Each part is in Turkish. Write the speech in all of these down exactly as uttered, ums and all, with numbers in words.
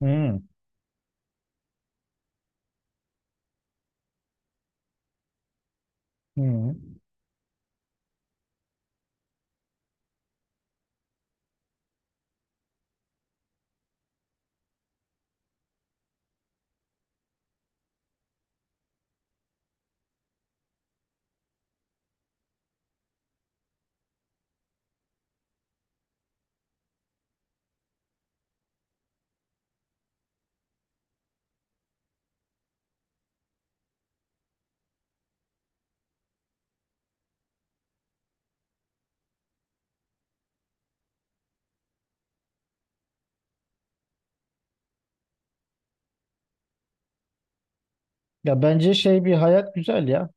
Hmm, hmm. Ya bence şey bir hayat güzel ya.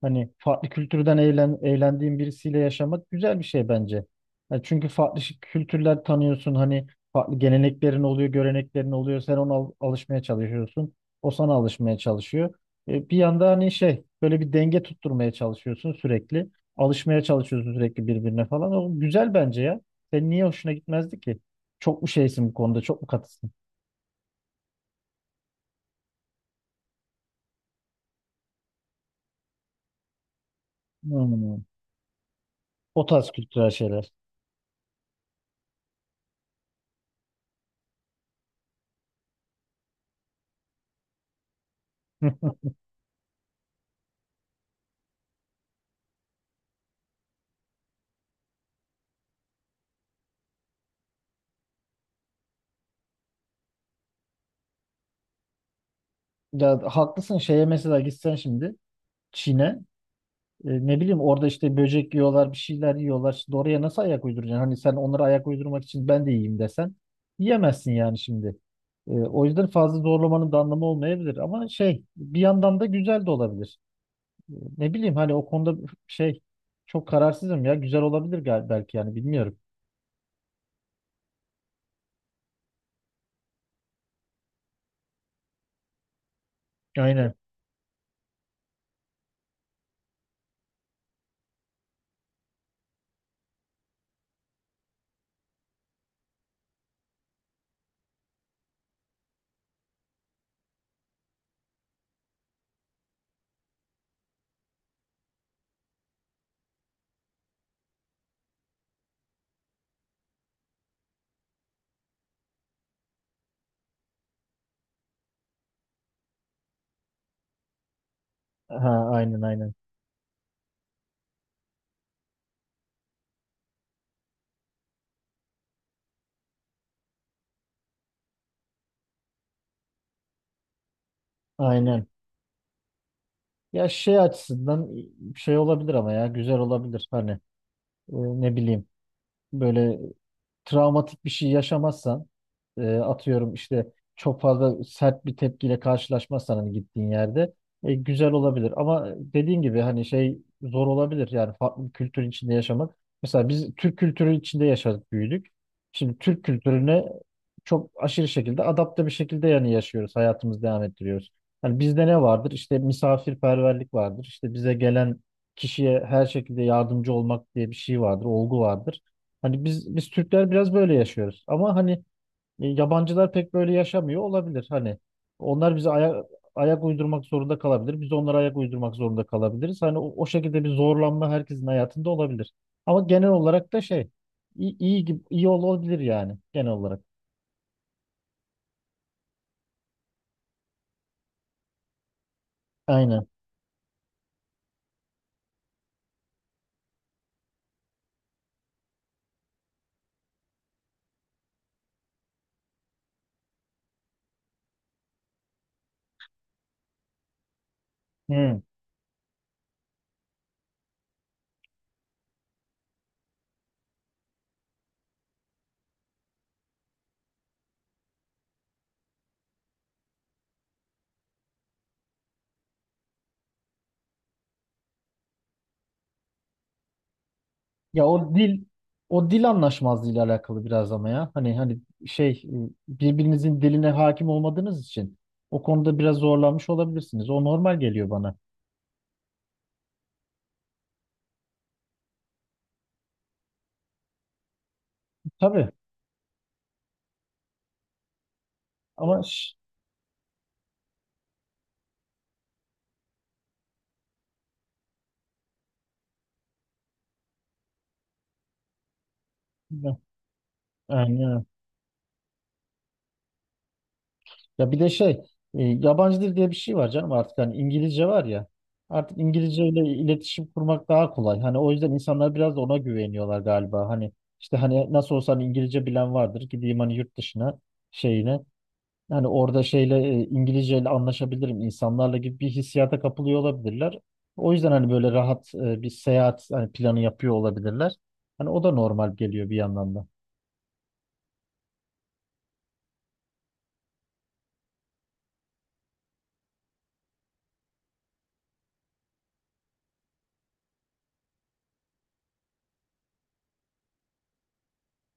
Hani farklı kültürden eğlen, eğlendiğin birisiyle yaşamak güzel bir şey bence. Ya çünkü farklı şi- kültürler tanıyorsun. Hani farklı geleneklerin oluyor, göreneklerin oluyor. Sen ona al- alışmaya çalışıyorsun. O sana alışmaya çalışıyor. E, bir yanda hani şey böyle bir denge tutturmaya çalışıyorsun sürekli. Alışmaya çalışıyorsun sürekli birbirine falan. O güzel bence ya. Senin niye hoşuna gitmezdi ki? Çok mu şeysin bu konuda? Çok mu katısın? Hmm. O tarz kültürel şeyler. Ya haklısın, şeye mesela gitsen şimdi Çin'e, e, ne bileyim orada işte böcek yiyorlar, bir şeyler yiyorlar. Şimdi oraya nasıl ayak uyduracaksın? Hani sen onlara ayak uydurmak için ben de yiyeyim desen yiyemezsin yani şimdi. E, o yüzden fazla zorlamanın da anlamı olmayabilir ama şey bir yandan da güzel de olabilir. E, ne bileyim hani o konuda şey çok kararsızım, ya güzel olabilir gal belki yani bilmiyorum. Aynen. Ha, aynen, aynen, aynen. Ya şey açısından şey olabilir ama ya güzel olabilir hani, e, ne bileyim böyle travmatik bir şey yaşamazsan, e, atıyorum işte çok fazla sert bir tepkiyle karşılaşmazsan hani gittiğin yerde, e, güzel olabilir. Ama dediğin gibi hani şey zor olabilir yani farklı bir kültürün içinde yaşamak. Mesela biz Türk kültürü içinde yaşadık, büyüdük. Şimdi Türk kültürüne çok aşırı şekilde adapte bir şekilde yani yaşıyoruz. Hayatımızı devam ettiriyoruz. Hani bizde ne vardır? İşte misafirperverlik vardır. İşte bize gelen kişiye her şekilde yardımcı olmak diye bir şey vardır, olgu vardır. Hani biz biz Türkler biraz böyle yaşıyoruz. Ama hani e, yabancılar pek böyle yaşamıyor olabilir. Hani onlar bize aya- ayak uydurmak zorunda kalabilir. Biz onlara ayak uydurmak zorunda kalabiliriz. Hani o, o şekilde bir zorlanma herkesin hayatında olabilir. Ama genel olarak da şey iyi, iyi gibi iyi olabilir yani genel olarak. Aynen. Hı. Ya o dil o dil anlaşmazlığıyla alakalı biraz ama ya. Hani hani şey, e, birbirinizin diline hakim olmadığınız için o konuda biraz zorlanmış olabilirsiniz. O normal geliyor bana. Tabii. Ama ş- yani, evet. Ya bir de şey, e, yabancı dil diye bir şey var canım artık, hani İngilizce var ya, artık İngilizce ile iletişim kurmak daha kolay. Hani o yüzden insanlar biraz da ona güveniyorlar galiba. Hani işte hani nasıl olsa hani İngilizce bilen vardır. Gideyim hani yurt dışına şeyine, hani orada şeyle, e, İngilizce anlaşabilirim insanlarla gibi bir hissiyata kapılıyor olabilirler. O yüzden hani böyle rahat, e, bir seyahat hani planı yapıyor olabilirler. Hani o da normal geliyor bir yandan da.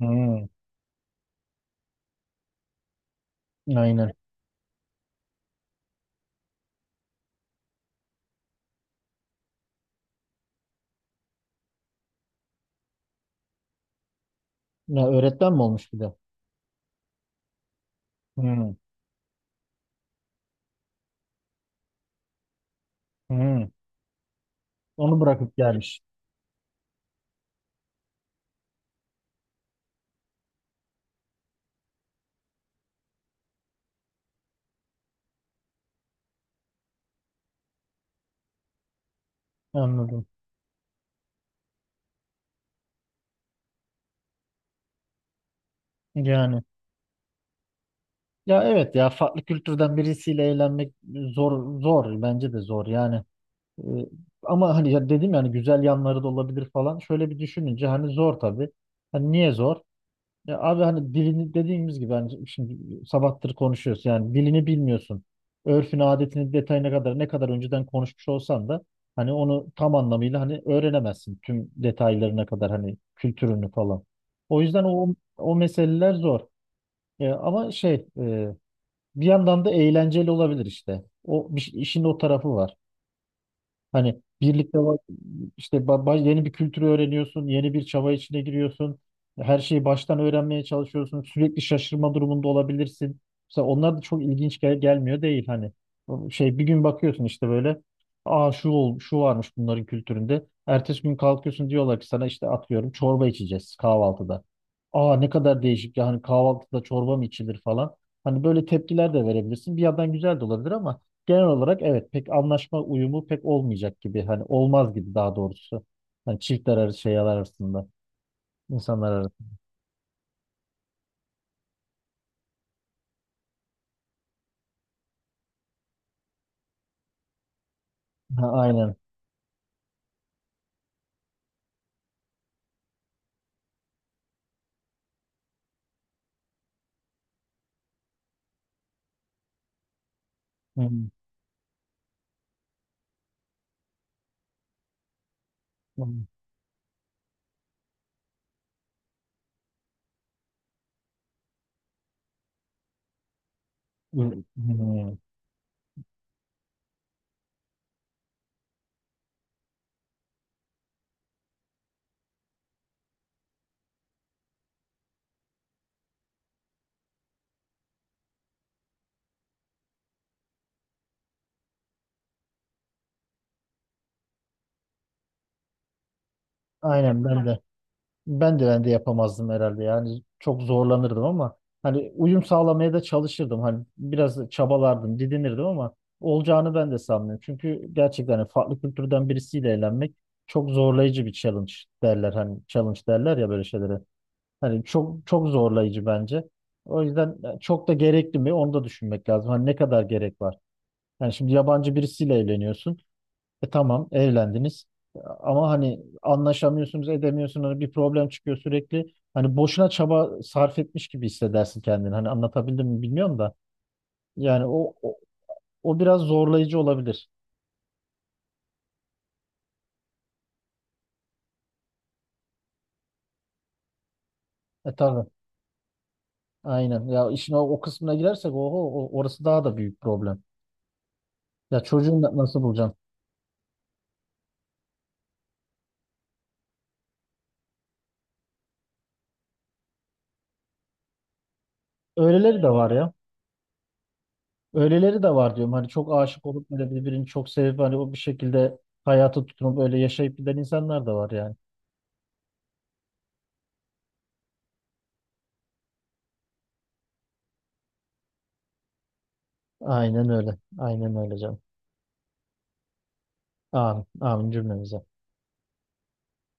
Hmm, aynen. Ya öğretmen mi olmuş bir de? Hmm, hmm. Onu bırakıp gelmiş. Anladım. Yani ya evet, ya farklı kültürden birisiyle eğlenmek zor zor, bence de zor yani. Ee, ama hani ya dedim yani güzel yanları da olabilir falan. Şöyle bir düşününce hani zor tabii. Hani niye zor? Ya abi, hani dilini dediğimiz gibi, hani şimdi sabahtır konuşuyoruz yani dilini bilmiyorsun. Örfünü, adetini, detayına kadar ne kadar önceden konuşmuş olsan da hani onu tam anlamıyla hani öğrenemezsin tüm detaylarına kadar hani kültürünü falan. O yüzden o o meseleler zor. E, ama şey, e, bir yandan da eğlenceli olabilir işte. O bir- işin o tarafı var. Hani birlikte işte ba- ba- yeni bir kültürü öğreniyorsun, yeni bir çaba içine giriyorsun. Her şeyi baştan öğrenmeye çalışıyorsun. Sürekli şaşırma durumunda olabilirsin. Mesela onlar da çok ilginç gel- gelmiyor değil hani. O şey bir gün bakıyorsun işte, böyle aa şu ol şu varmış bunların kültüründe. Ertesi gün kalkıyorsun diyorlar ki sana, işte atıyorum çorba içeceğiz kahvaltıda. Aa ne kadar değişik yani, kahvaltıda çorba mı içilir falan. Hani böyle tepkiler de verebilirsin. Bir yandan güzel de olabilir ama genel olarak evet pek anlaşma uyumu pek olmayacak gibi, hani olmaz gibi daha doğrusu. Hani çiftler arası şeyler arasında, insanlar arasında. Ha, aynen. Hmm, hmm, hmm, hmm. Aynen, ben de ben de ben de yapamazdım herhalde yani çok zorlanırdım ama hani uyum sağlamaya da çalışırdım, hani biraz çabalardım, didinirdim ama olacağını ben de sanmıyorum. Çünkü gerçekten hani farklı kültürden birisiyle eğlenmek çok zorlayıcı bir challenge derler, hani challenge derler ya böyle şeylere. Hani çok çok zorlayıcı bence. O yüzden e, çok da gerekli mi onu da düşünmek lazım. Hani ne kadar gerek var? Yani şimdi yabancı birisiyle evleniyorsun. E tamam evlendiniz. E, Ama hani anlaşamıyorsunuz, edemiyorsunuz. Hani bir problem çıkıyor sürekli. Hani boşuna çaba sarf etmiş gibi hissedersin kendini. Hani anlatabildim mi bilmiyorum da. Yani o o, o biraz zorlayıcı olabilir. E tabii. Aynen. Ya işin o, o kısmına girersek oho, o- orası daha da büyük problem. Ya çocuğunu da nasıl bulacaksın? Öyleleri de var ya. Öyleleri de var diyorum. Hani çok aşık olup böyle birbirini çok sevip hani o bir şekilde hayata tutunup öyle yaşayıp giden insanlar da var yani. Aynen öyle. Aynen öyle canım. Amin. Amin cümlemize.